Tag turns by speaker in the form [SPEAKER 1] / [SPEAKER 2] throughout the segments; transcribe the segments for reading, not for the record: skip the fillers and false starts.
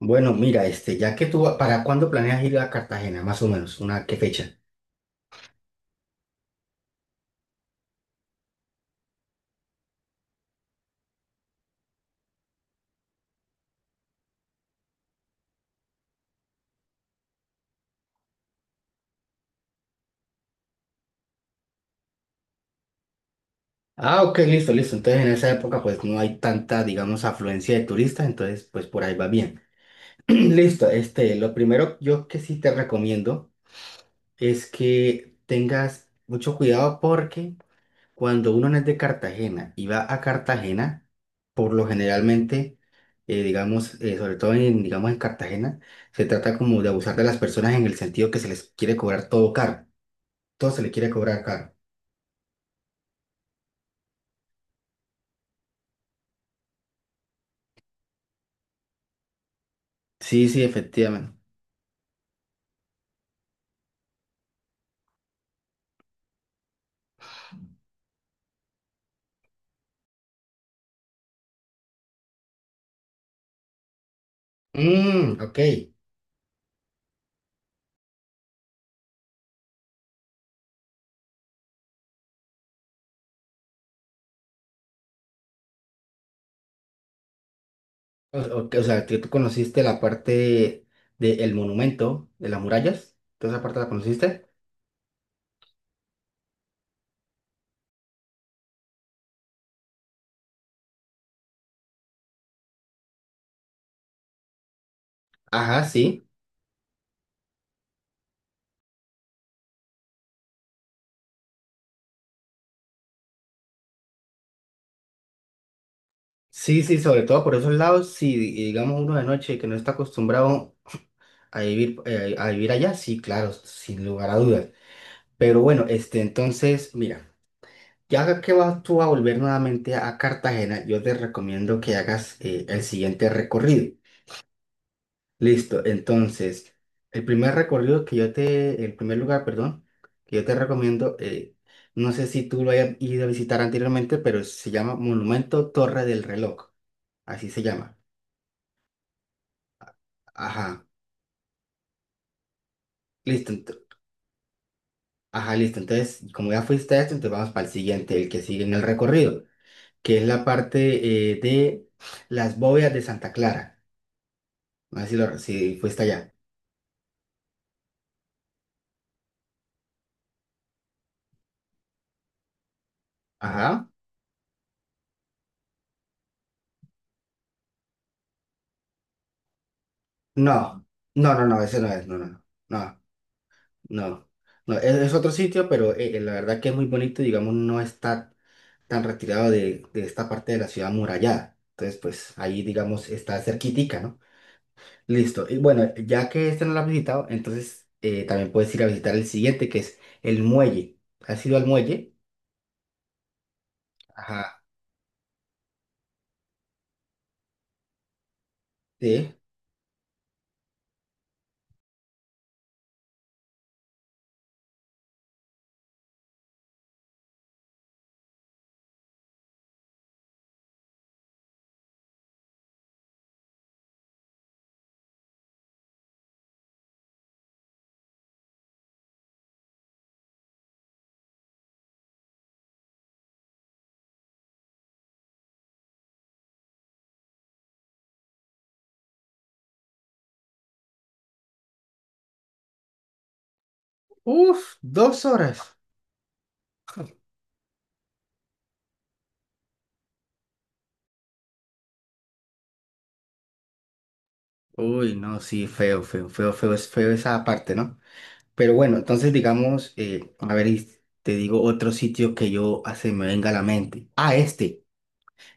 [SPEAKER 1] Bueno, mira, este, ya que tú, ¿para cuándo planeas ir a Cartagena, más o menos? ¿Una qué fecha? Ah, ok, listo, listo. Entonces en esa época pues no hay tanta, digamos, afluencia de turistas, entonces pues por ahí va bien. Listo, este, lo primero yo que sí te recomiendo es que tengas mucho cuidado porque cuando uno no es de Cartagena y va a Cartagena, por lo generalmente, digamos, sobre todo en, digamos, en Cartagena, se trata como de abusar de las personas en el sentido que se les quiere cobrar todo caro. Todo se le quiere cobrar caro. Sí, sí, efectivamente. Mm, ok. O, ok, o sea, que tú conociste la parte del monumento, de las murallas. ¿Toda esa parte la conociste? Ajá, sí. Sí, sí, sobre todo por esos lados, si digamos uno de noche que no está acostumbrado a vivir allá, sí, claro, sin lugar a dudas. Pero bueno, este, entonces, mira, ya que vas tú a volver nuevamente a Cartagena, yo te recomiendo que hagas el siguiente recorrido. Listo, entonces, el primer lugar, perdón, que yo te recomiendo, no sé si tú lo hayas ido a visitar anteriormente, pero se llama Monumento Torre del Reloj, así se llama. Ajá, listo, ajá, listo, entonces, como ya fuiste a esto, entonces vamos para el siguiente, el que sigue en el recorrido, que es la parte, de las bóvedas de Santa Clara, no sé si, lo, si fuiste allá. Ajá, no, no, no, no, ese no es, no, no, no. No. No, no, es otro sitio, pero la verdad que es muy bonito, digamos, no está tan retirado de esta parte de la ciudad amurallada. Entonces, pues ahí, digamos, está cerquitica, ¿no? Listo. Y bueno, ya que este no lo has visitado, entonces también puedes ir a visitar el siguiente, que es el muelle. ¿Has ido al muelle? Ajá. Sí. Uf, dos horas. Uy, no, sí, feo, feo, feo, feo, es feo esa parte, ¿no? Pero bueno, entonces digamos, a ver, y te digo otro sitio que yo hace me venga a la mente. Ah, este,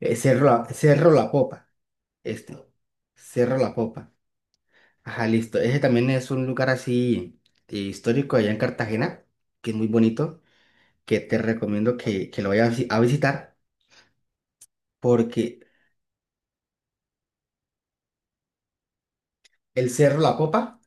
[SPEAKER 1] Cerro, Cerro La Popa, este, Cerro La Popa. Ajá, listo. Ese también es un lugar así histórico allá en Cartagena, que es muy bonito, que te recomiendo que lo vayas a a visitar, porque el Cerro La Popa,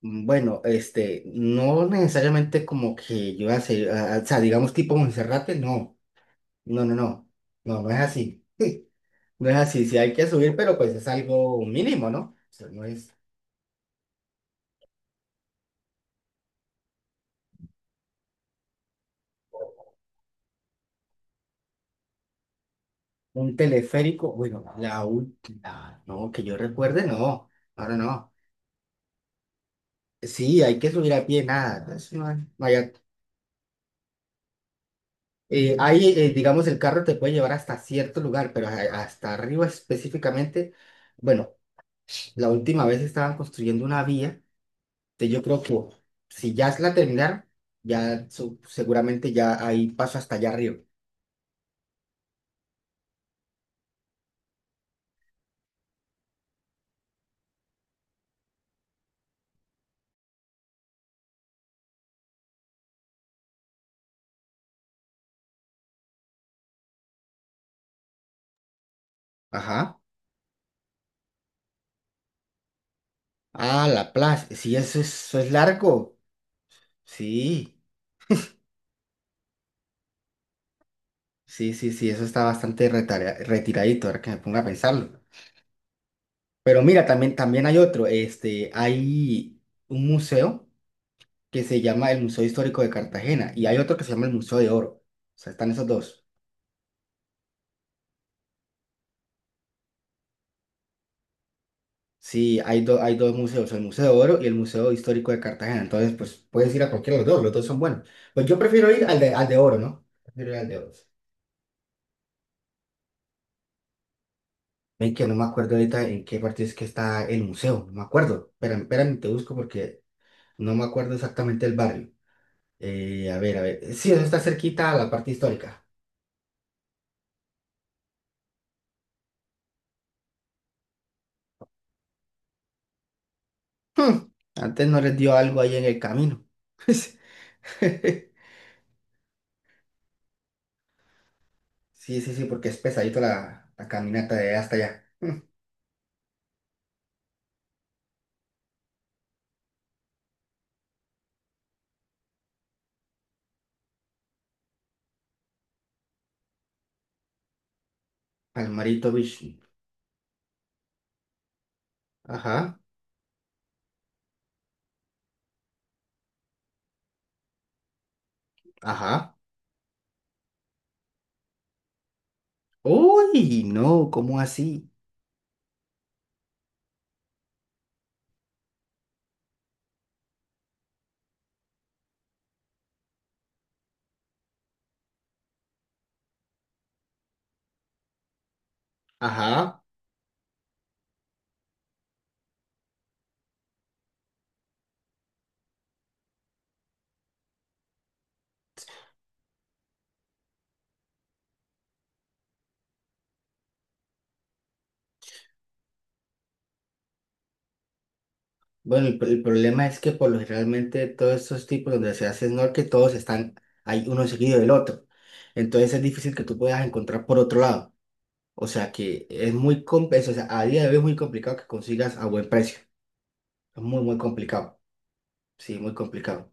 [SPEAKER 1] mm, bueno, este, no necesariamente como que yo hace, ah, ah, o sea, digamos tipo Monserrate, no, no, no, no, no, no es así. No es así, sí hay que subir, pero pues es algo mínimo, ¿no? O sea, no es un teleférico, bueno, la última, no, que yo recuerde, no, ahora no. Sí, hay que subir a pie, nada, entonces no hay, no hay acto. Ahí, digamos, el carro te puede llevar hasta cierto lugar, pero hasta arriba específicamente, bueno, la última vez estaban construyendo una vía, que yo creo que si ya la terminaron, ya seguramente ya ahí paso hasta allá arriba. Ajá. Ah, la plaza. Sí, eso es largo. Sí, sí, sí, sí, eso está bastante retiradito, ahora que me pongo a pensarlo. Pero mira, también, también hay otro. Este, hay un museo que se llama el Museo Histórico de Cartagena y hay otro que se llama el Museo de Oro. O sea, están esos dos. Sí, hay, hay dos museos, el Museo de Oro y el Museo Histórico de Cartagena. Entonces, pues puedes ir a cualquiera de los dos son buenos. Pues yo prefiero ir al de Oro, ¿no? Prefiero ir al de Oro. Ven que no me acuerdo ahorita en qué parte es que está el museo, no me acuerdo. Espérame, espérame, te busco porque no me acuerdo exactamente el barrio. A ver, a ver. Sí, eso está cerquita a la parte histórica. Antes no les dio algo ahí en el camino. Sí, sí, sí, porque es pesadito la, la caminata de hasta allá. Palmarito Beach. Ajá, ajá. Uy, no, ¿cómo así? Ajá. Bueno, el problema es que por lo generalmente todos estos tipos donde se hace snorkel, todos están ahí uno seguido del otro. Entonces es difícil que tú puedas encontrar por otro lado. O sea que es muy complejo, o sea, a día de hoy es muy complicado que consigas a buen precio. Es muy, muy complicado. Sí, muy complicado.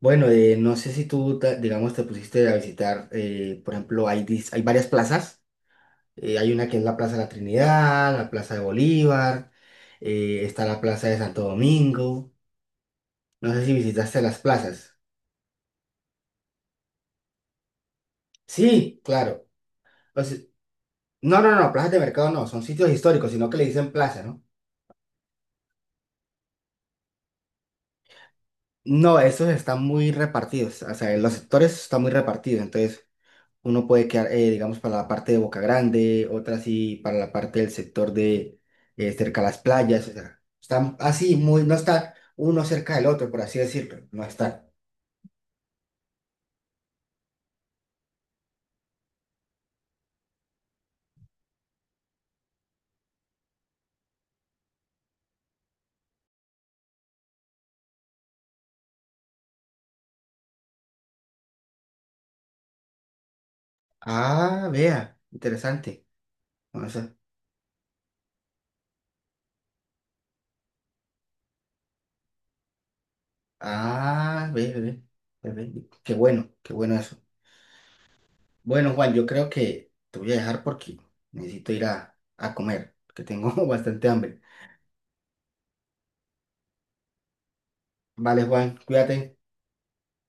[SPEAKER 1] Bueno, no sé si tú, digamos, te pusiste a visitar, por ejemplo, hay, hay varias plazas. Hay una que es la Plaza de la Trinidad, la Plaza de Bolívar, está la Plaza de Santo Domingo. No sé si visitaste las plazas. Sí, claro. O sea, no, no, no, plazas de mercado no, son sitios históricos, sino que le dicen plaza, ¿no? No, esos están muy repartidos, o sea, los sectores están muy repartidos, entonces uno puede quedar, digamos, para la parte de Boca Grande, otra sí para la parte del sector de cerca a las playas, o sea, están así, muy, no está uno cerca del otro, por así decirlo, no está. Ah, vea, interesante. O sea, ah, ve, ve, ve, ve, ve, qué bueno eso. Bueno, Juan, yo creo que te voy a dejar porque necesito ir a comer, que tengo bastante hambre. Vale, Juan, cuídate.